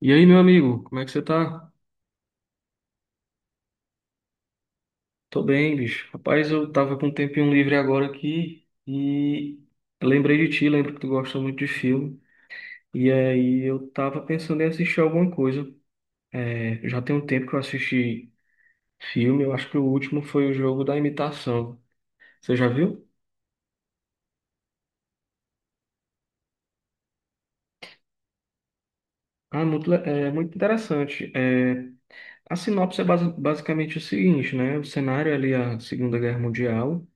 E aí, meu amigo, como é que você tá? Tô bem, bicho. Rapaz, eu tava com um tempinho livre agora aqui e lembrei de ti, lembro que tu gosta muito de filme. E aí eu tava pensando em assistir alguma coisa. Já tem um tempo que eu assisti filme, eu acho que o último foi o Jogo da Imitação. Você já viu? Ah, muito, muito interessante. A sinopse é basicamente o seguinte, né? O cenário é ali é a Segunda Guerra Mundial.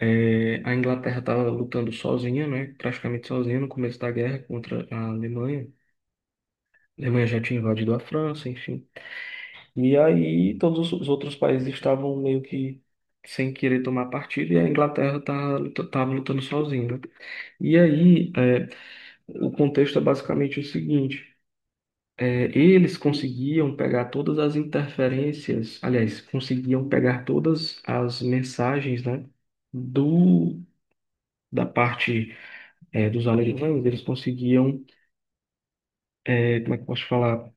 A Inglaterra estava lutando sozinha, né? Praticamente sozinha no começo da guerra contra a Alemanha. A Alemanha já tinha invadido a França, enfim. E aí todos os outros países estavam meio que sem querer tomar partido e a Inglaterra estava lutando sozinha, né? E aí, o contexto é basicamente o seguinte: eles conseguiam pegar todas as interferências, aliás, conseguiam pegar todas as mensagens, né, do, da parte dos americanos, eles conseguiam, como é que eu posso falar?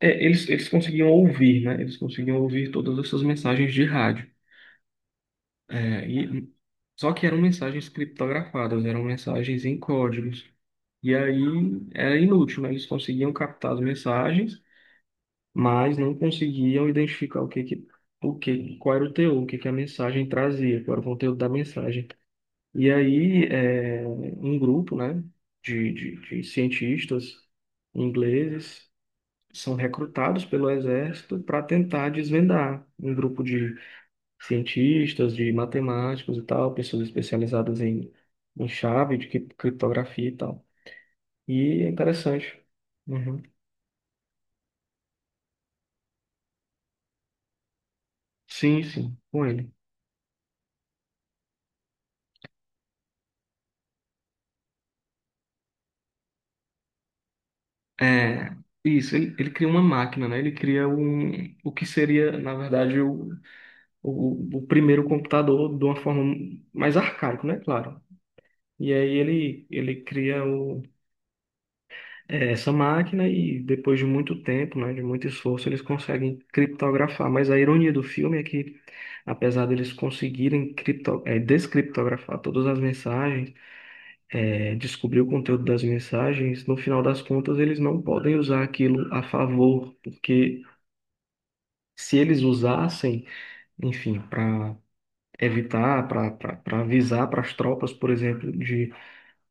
Eles conseguiam ouvir, né? Eles conseguiam ouvir todas essas mensagens de rádio. É, e, só que eram mensagens criptografadas, eram mensagens em códigos. E aí era inútil, né? Eles conseguiam captar as mensagens, mas não conseguiam identificar o que que, o que, qual era o teor, o que que a mensagem trazia, qual era o conteúdo da mensagem. E aí, um grupo, né, de cientistas ingleses são recrutados pelo exército para tentar desvendar um grupo de cientistas, de matemáticos e tal, pessoas especializadas em chave de criptografia e tal. E é interessante. Uhum. Sim, sim, com ele. É, isso, ele cria uma máquina, né? Ele cria o que seria, na verdade, o primeiro computador de uma forma mais arcaico, né? Claro. E aí ele cria essa máquina e depois de muito tempo, né, de muito esforço, eles conseguem criptografar. Mas a ironia do filme é que, apesar deles conseguirem descriptografar todas as mensagens, descobrir o conteúdo das mensagens, no final das contas eles não podem usar aquilo a favor, porque se eles usassem, enfim, para evitar, para avisar para as tropas, por exemplo, de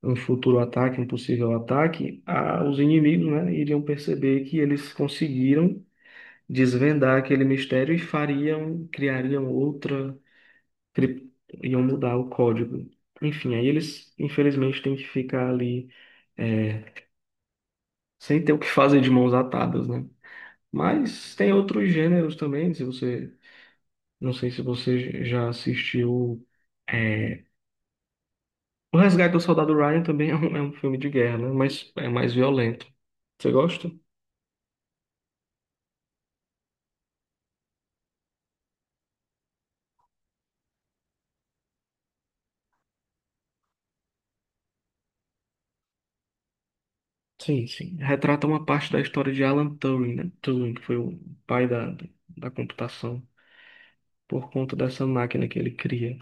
um futuro ataque, um possível ataque, os inimigos, né, iriam perceber que eles conseguiram desvendar aquele mistério e fariam, criariam outra, cri- iam mudar o código. Enfim, aí eles, infelizmente, têm que ficar ali é, sem ter o que fazer de mãos atadas, né? Mas tem outros gêneros também, se você, não sei se você já assistiu é, O Resgate do Soldado Ryan também é é um filme de guerra, né? Mas é mais violento. Você gosta? Sim, sim. Retrata uma parte da história de Alan Turing, né? Turing, que foi o pai da computação, por conta dessa máquina que ele cria.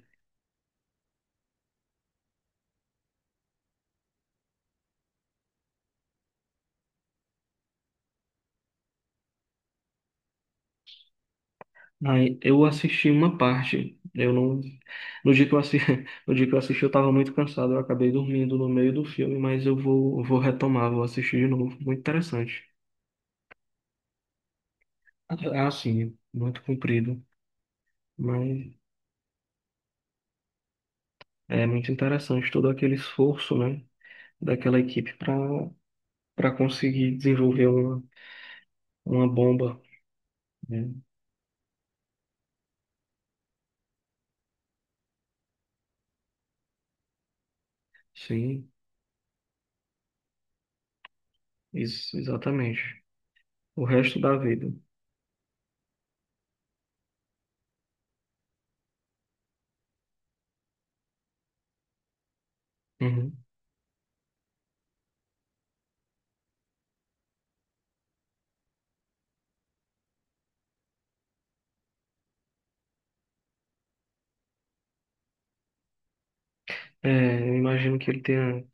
Aí eu assisti uma parte. Eu não. No dia que eu assisti, no dia que eu assisti, eu estava muito cansado. Eu acabei dormindo no meio do filme, mas eu vou retomar, vou assistir de novo. Muito interessante. Ah, sim, muito comprido, mas é muito interessante todo aquele esforço, né? Daquela equipe para conseguir desenvolver uma bomba, né? Sim, isso, exatamente. O resto da vida. Uhum. Eu imagino que ele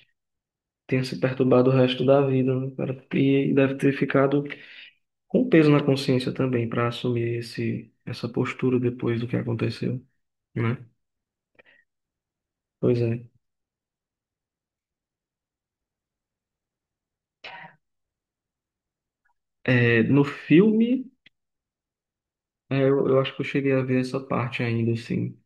tenha se perturbado o resto da vida, né, cara? E deve ter ficado com peso na consciência também para assumir essa postura depois do que aconteceu, né? Pois é. No filme, eu acho que eu cheguei a ver essa parte ainda, assim.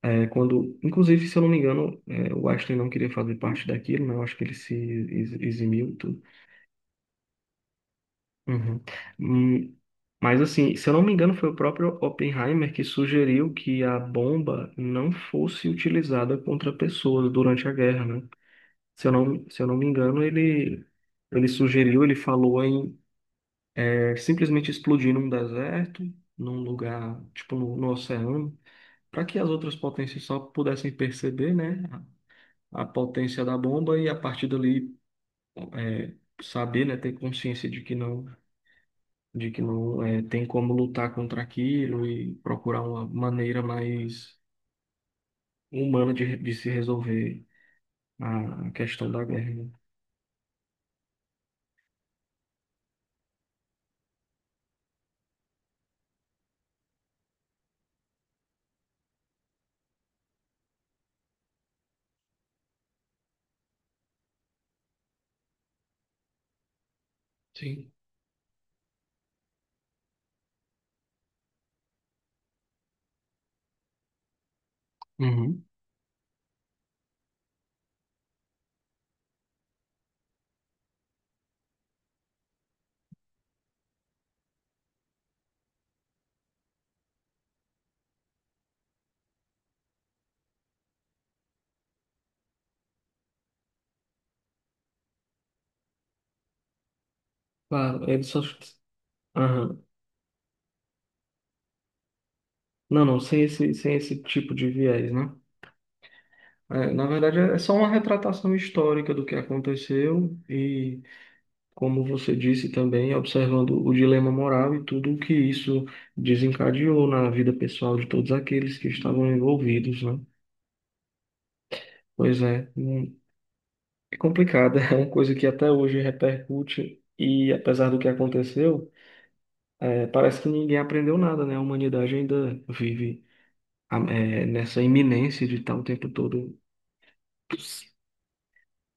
Quando, inclusive, se eu não me engano, o Einstein não queria fazer parte daquilo, né? Eu acho que ele se eximiu e tudo. Uhum. Hum, Mas, assim, se eu não me engano, foi o próprio Oppenheimer que sugeriu que a bomba não fosse utilizada contra pessoas durante a guerra, né? Se eu não me engano, ele sugeriu, ele falou em simplesmente explodir num deserto, num lugar, tipo, no oceano, para que as outras potências só pudessem perceber, né? A potência da bomba e a partir dali é, saber, né, ter consciência de que não, tem como lutar contra aquilo e procurar uma maneira mais humana de se resolver a questão da guerra, né? Sim. Uhum. Claro, ele só. Aham. Não, não, sem esse, sem esse tipo de viés, né? É, na verdade, é só uma retratação histórica do que aconteceu e como você disse também, observando o dilema moral e tudo o que isso desencadeou na vida pessoal de todos aqueles que estavam envolvidos, né? Pois é, é complicado, é uma coisa que até hoje repercute e apesar do que aconteceu, é, parece que ninguém aprendeu nada, né? A humanidade ainda vive a- é, nessa iminência de estar o tempo todo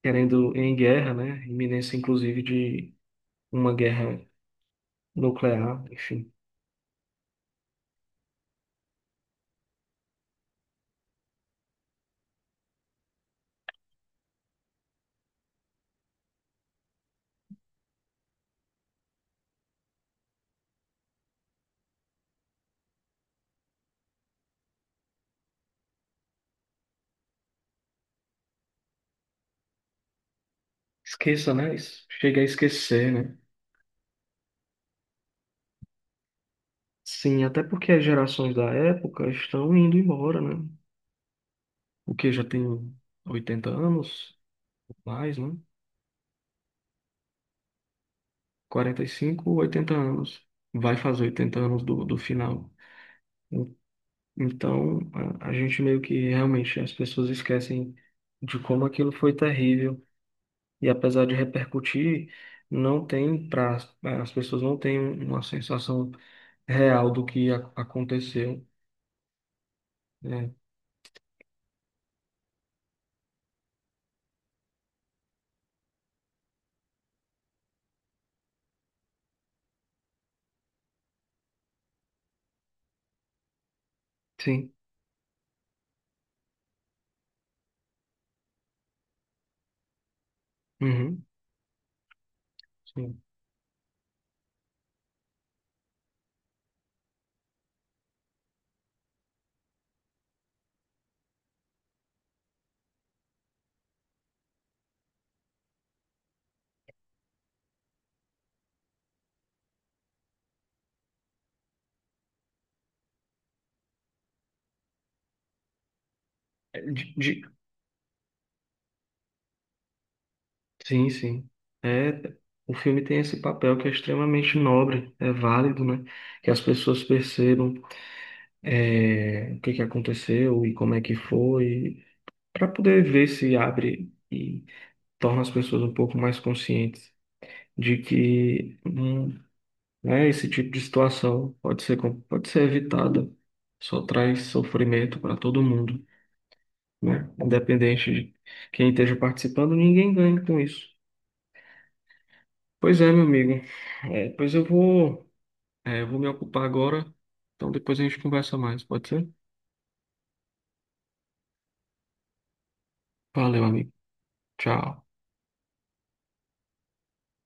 querendo em guerra, né? Iminência, inclusive, de uma guerra nuclear, enfim. Esqueça, né? Chega a esquecer, né? Sim, até porque as gerações da época estão indo embora, né? O que já tem 80 anos, mais, né? 45 80 anos. Vai fazer 80 anos do, do final. Então, a gente meio que realmente as pessoas esquecem de como aquilo foi terrível. E apesar de repercutir, não tem pra, é, as pessoas não têm uma sensação real do que a- aconteceu. Né? Sim. Uhum. Sim. De, Sim, sim. É, o filme tem esse papel que é extremamente nobre, é válido, né? Que as pessoas percebam o que que aconteceu e como é que foi, para poder ver se abre e torna as pessoas um pouco mais conscientes de que né, esse tipo de situação pode ser evitada, só traz sofrimento para todo mundo, né? Independente de quem esteja participando, ninguém ganha com isso. Pois é, meu amigo. Pois eu vou me ocupar agora. Então depois a gente conversa mais, pode ser? Valeu, amigo. Tchau.